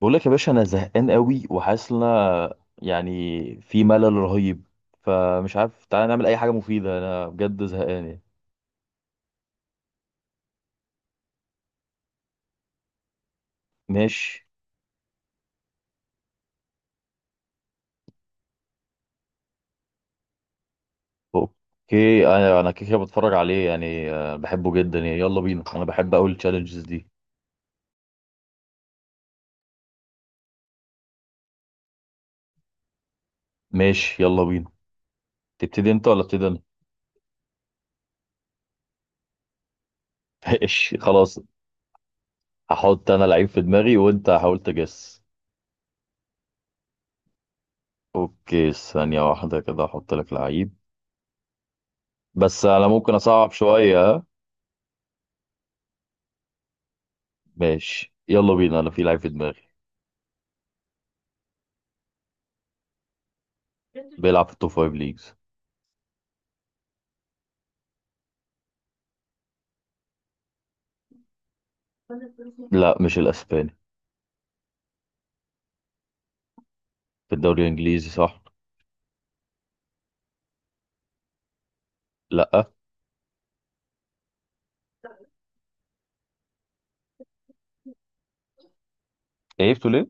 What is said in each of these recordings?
بقول لك يا باشا انا زهقان قوي وحاسس ان أنا يعني في ملل رهيب. فمش عارف تعالى نعمل اي حاجه مفيده، انا بجد زهقان يعني. ماشي. اوكي انا كده كده بتفرج عليه يعني، بحبه جدا يعني، يلا بينا، انا بحب اقول التشالنجز دي. ماشي يلا بينا. تبتدي انت ولا ابتدي انا؟ ماشي خلاص. هحط انا لعيب في دماغي وانت حاول تجس. اوكي ثانيه واحده كده احط لك لعيب. بس انا ممكن اصعب شويه ها؟ ماشي يلا بينا، انا في لعيب في دماغي. بيلعب في التوب فايف ليجز. لا مش الاسباني. في الدوري الانجليزي صح. لا، عيبته ليه؟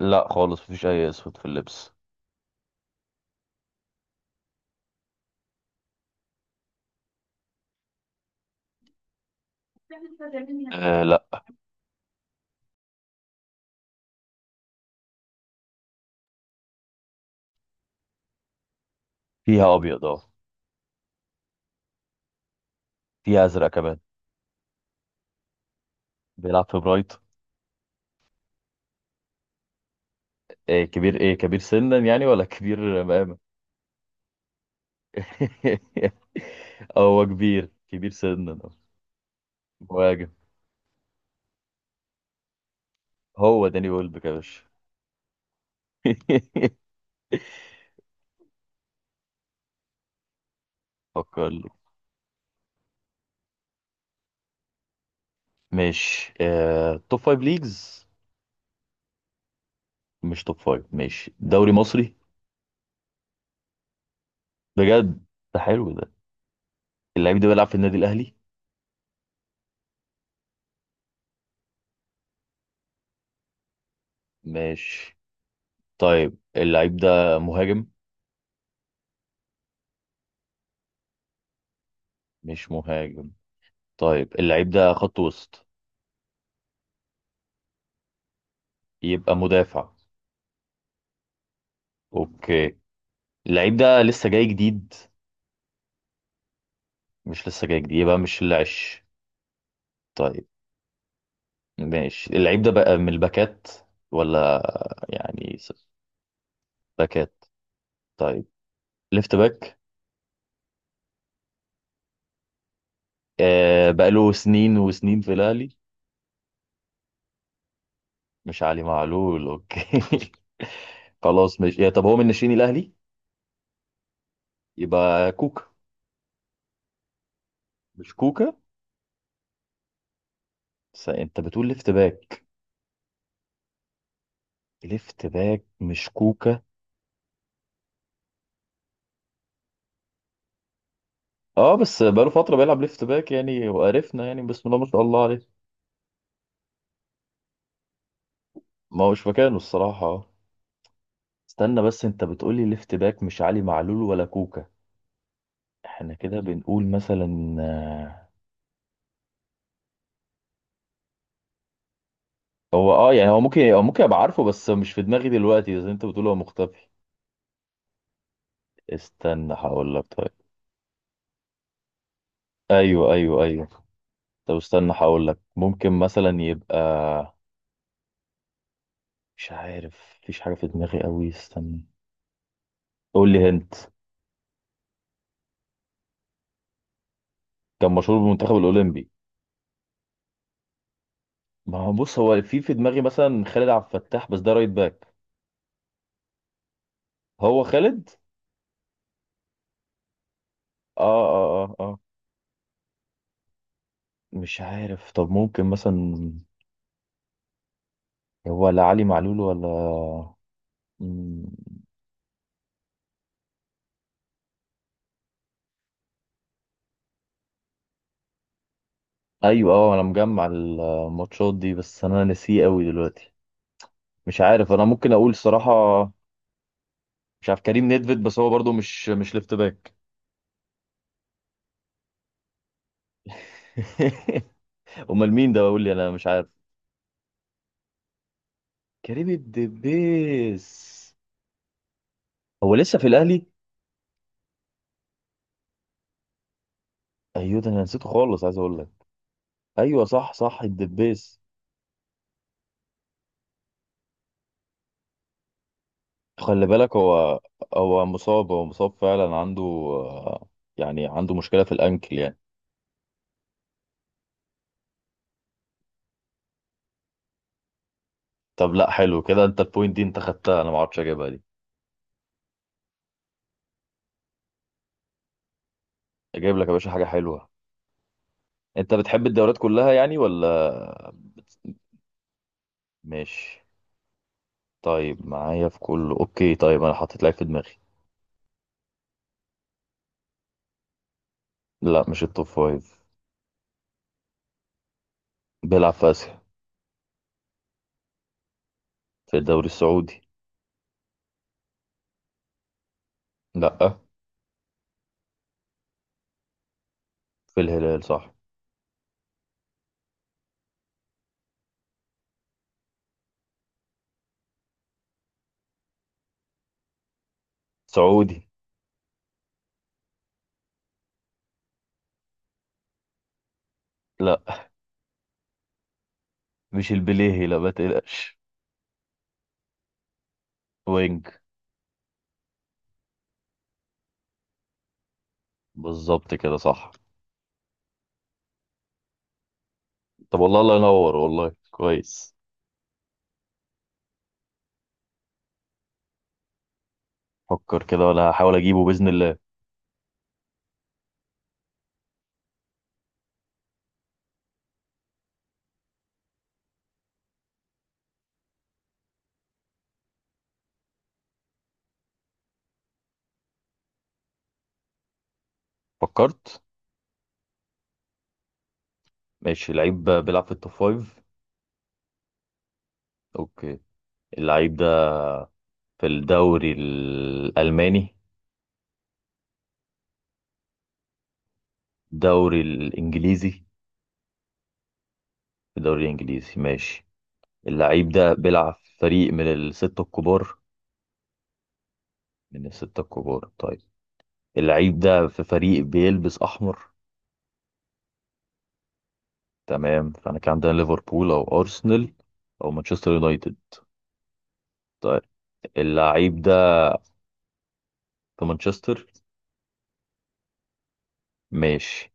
لا خالص مفيش اي اسود في اللبس. آه لا. فيها ابيض اه. فيها ازرق كمان. بيلعب في برايت. آه كبير. ايه، كبير سنا يعني ولا كبير مقامة؟ هو كبير، كبير سنا آه. مهاجم. هو داني ويلبك يا باشا. فكر لي. ماشي توب فايف ليجز. مش توب فايف ماشي، دوري مصري. بجد ده حلو ده. اللعيب ده بيلعب في النادي الأهلي. ماشي. طيب اللعيب ده مهاجم. مش مهاجم. طيب اللعيب ده خط وسط. يبقى مدافع. اوكي. اللعيب ده لسه جاي جديد. مش لسه جاي جديد، يبقى مش العش. طيب. ماشي اللعيب ده بقى من الباكات، ولا يعني باكات. طيب. ليفت باك. آه بقاله سنين وسنين في الأهلي. مش علي معلول اوكي. خلاص ماشي، طب هو من ناشئين الأهلي؟ يبقى كوكا. مش كوكا. انت بتقول ليفت باك. ليفت باك مش كوكا. اه بس بقاله فترة بيلعب ليفت باك يعني، وعرفنا يعني بسم الله ما شاء الله عليه. ما هوش مكانه الصراحة آه. استنى، بس انت بتقولي ليفت باك مش علي معلول ولا كوكا. احنا كده بنقول مثلا هو يعني هو ممكن، ممكن ابقى عارفه بس مش في دماغي دلوقتي، زي انت بتقول هو مختفي. استنى هقول لك طيب. ايوه ايوه ايوه. طب استنى هقول لك، ممكن مثلا يبقى، مش عارف مفيش حاجة في دماغي قوي، استنى. قول لي هنت. كان مشهور بالمنتخب الأولمبي. ما هو بص هو في دماغي مثلا خالد عبد الفتاح بس ده رايت باك. هو خالد. اه. مش عارف. طب ممكن مثلا، هو لا علي معلول ولا، مم، ايوه اه. انا مجمع الماتشات دي بس انا نسيه قوي دلوقتي. مش عارف، انا ممكن اقول صراحة مش عارف كريم نيدفيد، بس هو برضو مش ليفت باك. امال مين ده؟ بقول لي انا مش عارف. كريم الدبيس. هو لسه في الاهلي. ايوه ده انا نسيته خالص عايز اقول لك. ايوه صح صح، الدبيس. خلي بالك هو، هو مصاب فعلا، عنده يعني عنده مشكله في الانكل يعني. طب لا حلو كده، انت البوينت دي انت خدتها، انا ما اعرفش اجيبها دي. اجيب لك يا باشا حاجه حلوه. انت بتحب الدوريات كلها يعني ولا؟ ماشي. طيب معايا في كله اوكي. طيب انا حطيت لعيب في دماغي. لا مش التوب فايف. بيلعب في اسيا. في الدوري السعودي. لا. في الهلال صح. سعودي. لا مش البليهي، لا ما تقلقش. وينج. بالظبط كده صح. طب والله، الله ينور، والله كويس. فكر كده ولا هحاول اجيبه باذن الله. فكرت. ماشي. لعيب بيلعب في التوب فايف. اوكي. اللعيب ده في الدوري الالماني. الدوري الانجليزي. في الدوري الانجليزي ماشي. اللعيب ده بيلعب في فريق من الستة الكبار. من الستة الكبار طيب. اللعيب ده في فريق بيلبس احمر. تمام، فاحنا كان عندنا ليفربول او ارسنال او مانشستر يونايتد. طيب اللعيب ده في مانشستر. ماشي.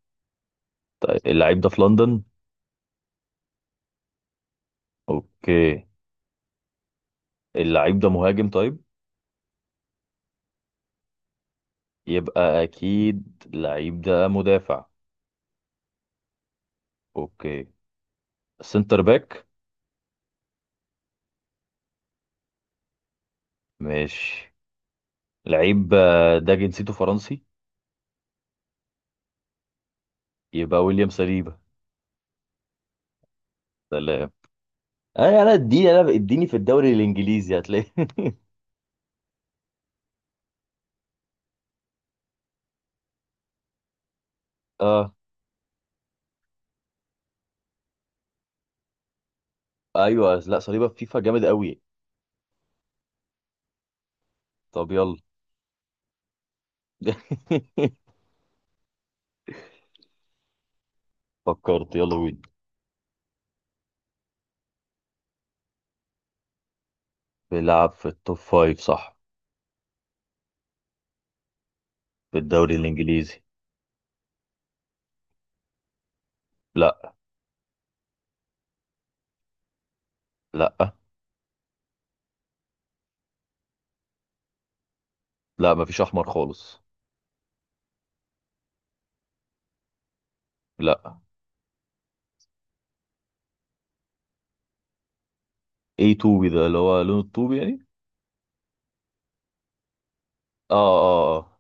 طيب اللعيب ده في لندن. اوكي. اللعيب ده مهاجم طيب. يبقى اكيد اللعيب ده مدافع. اوكي. سنتر باك. ماشي. لعيب ده جنسيته فرنسي. يبقى ويليام سليبا. سلام. انا اديني، اديني في الدوري الانجليزي هتلاقي. اه. ايوه لا، صليبا في فيفا جامد قوي. طب يلا. فكرت يلا بينا. بيلعب في التوب فايف صح. في الدوري الانجليزي. لا لا لا مفيش احمر خالص. لا. ايه توبي ده، اللي هو لون الطوبي يعني. اه اه اه.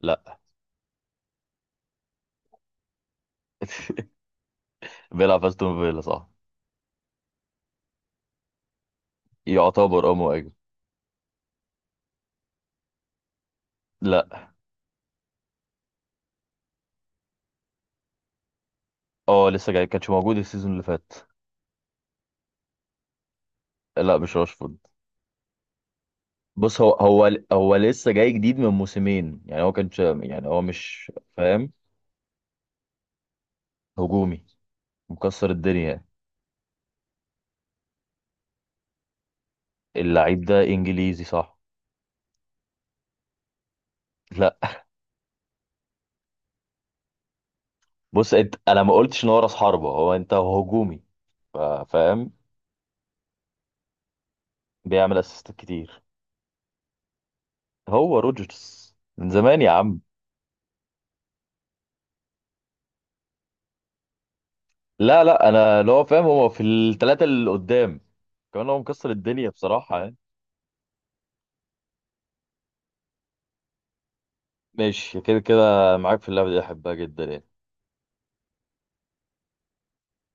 لا. بيلعب في استون فيلا صح. يعتبر اه مهاجم. لا. اه لسه جاي، كانش موجود السيزون اللي فات. لا مش راشفورد. بص هو لسه جاي جديد من موسمين يعني، هو كانش يعني هو مش فاهم. هجومي. مكسر الدنيا. اللعيب ده انجليزي صح. لا. بص انت، انا ما قلتش ان هو راس حربة، هو انت هجومي. فاهم. بيعمل اسيستات كتير. هو روجرز من زمان يا عم. لا لا انا اللي هو فاهم، هو في الثلاثة اللي قدام كمان، هو مكسر الدنيا بصراحة يعني. ماشي كده كده معاك في اللعبة دي، احبها جدا يعني.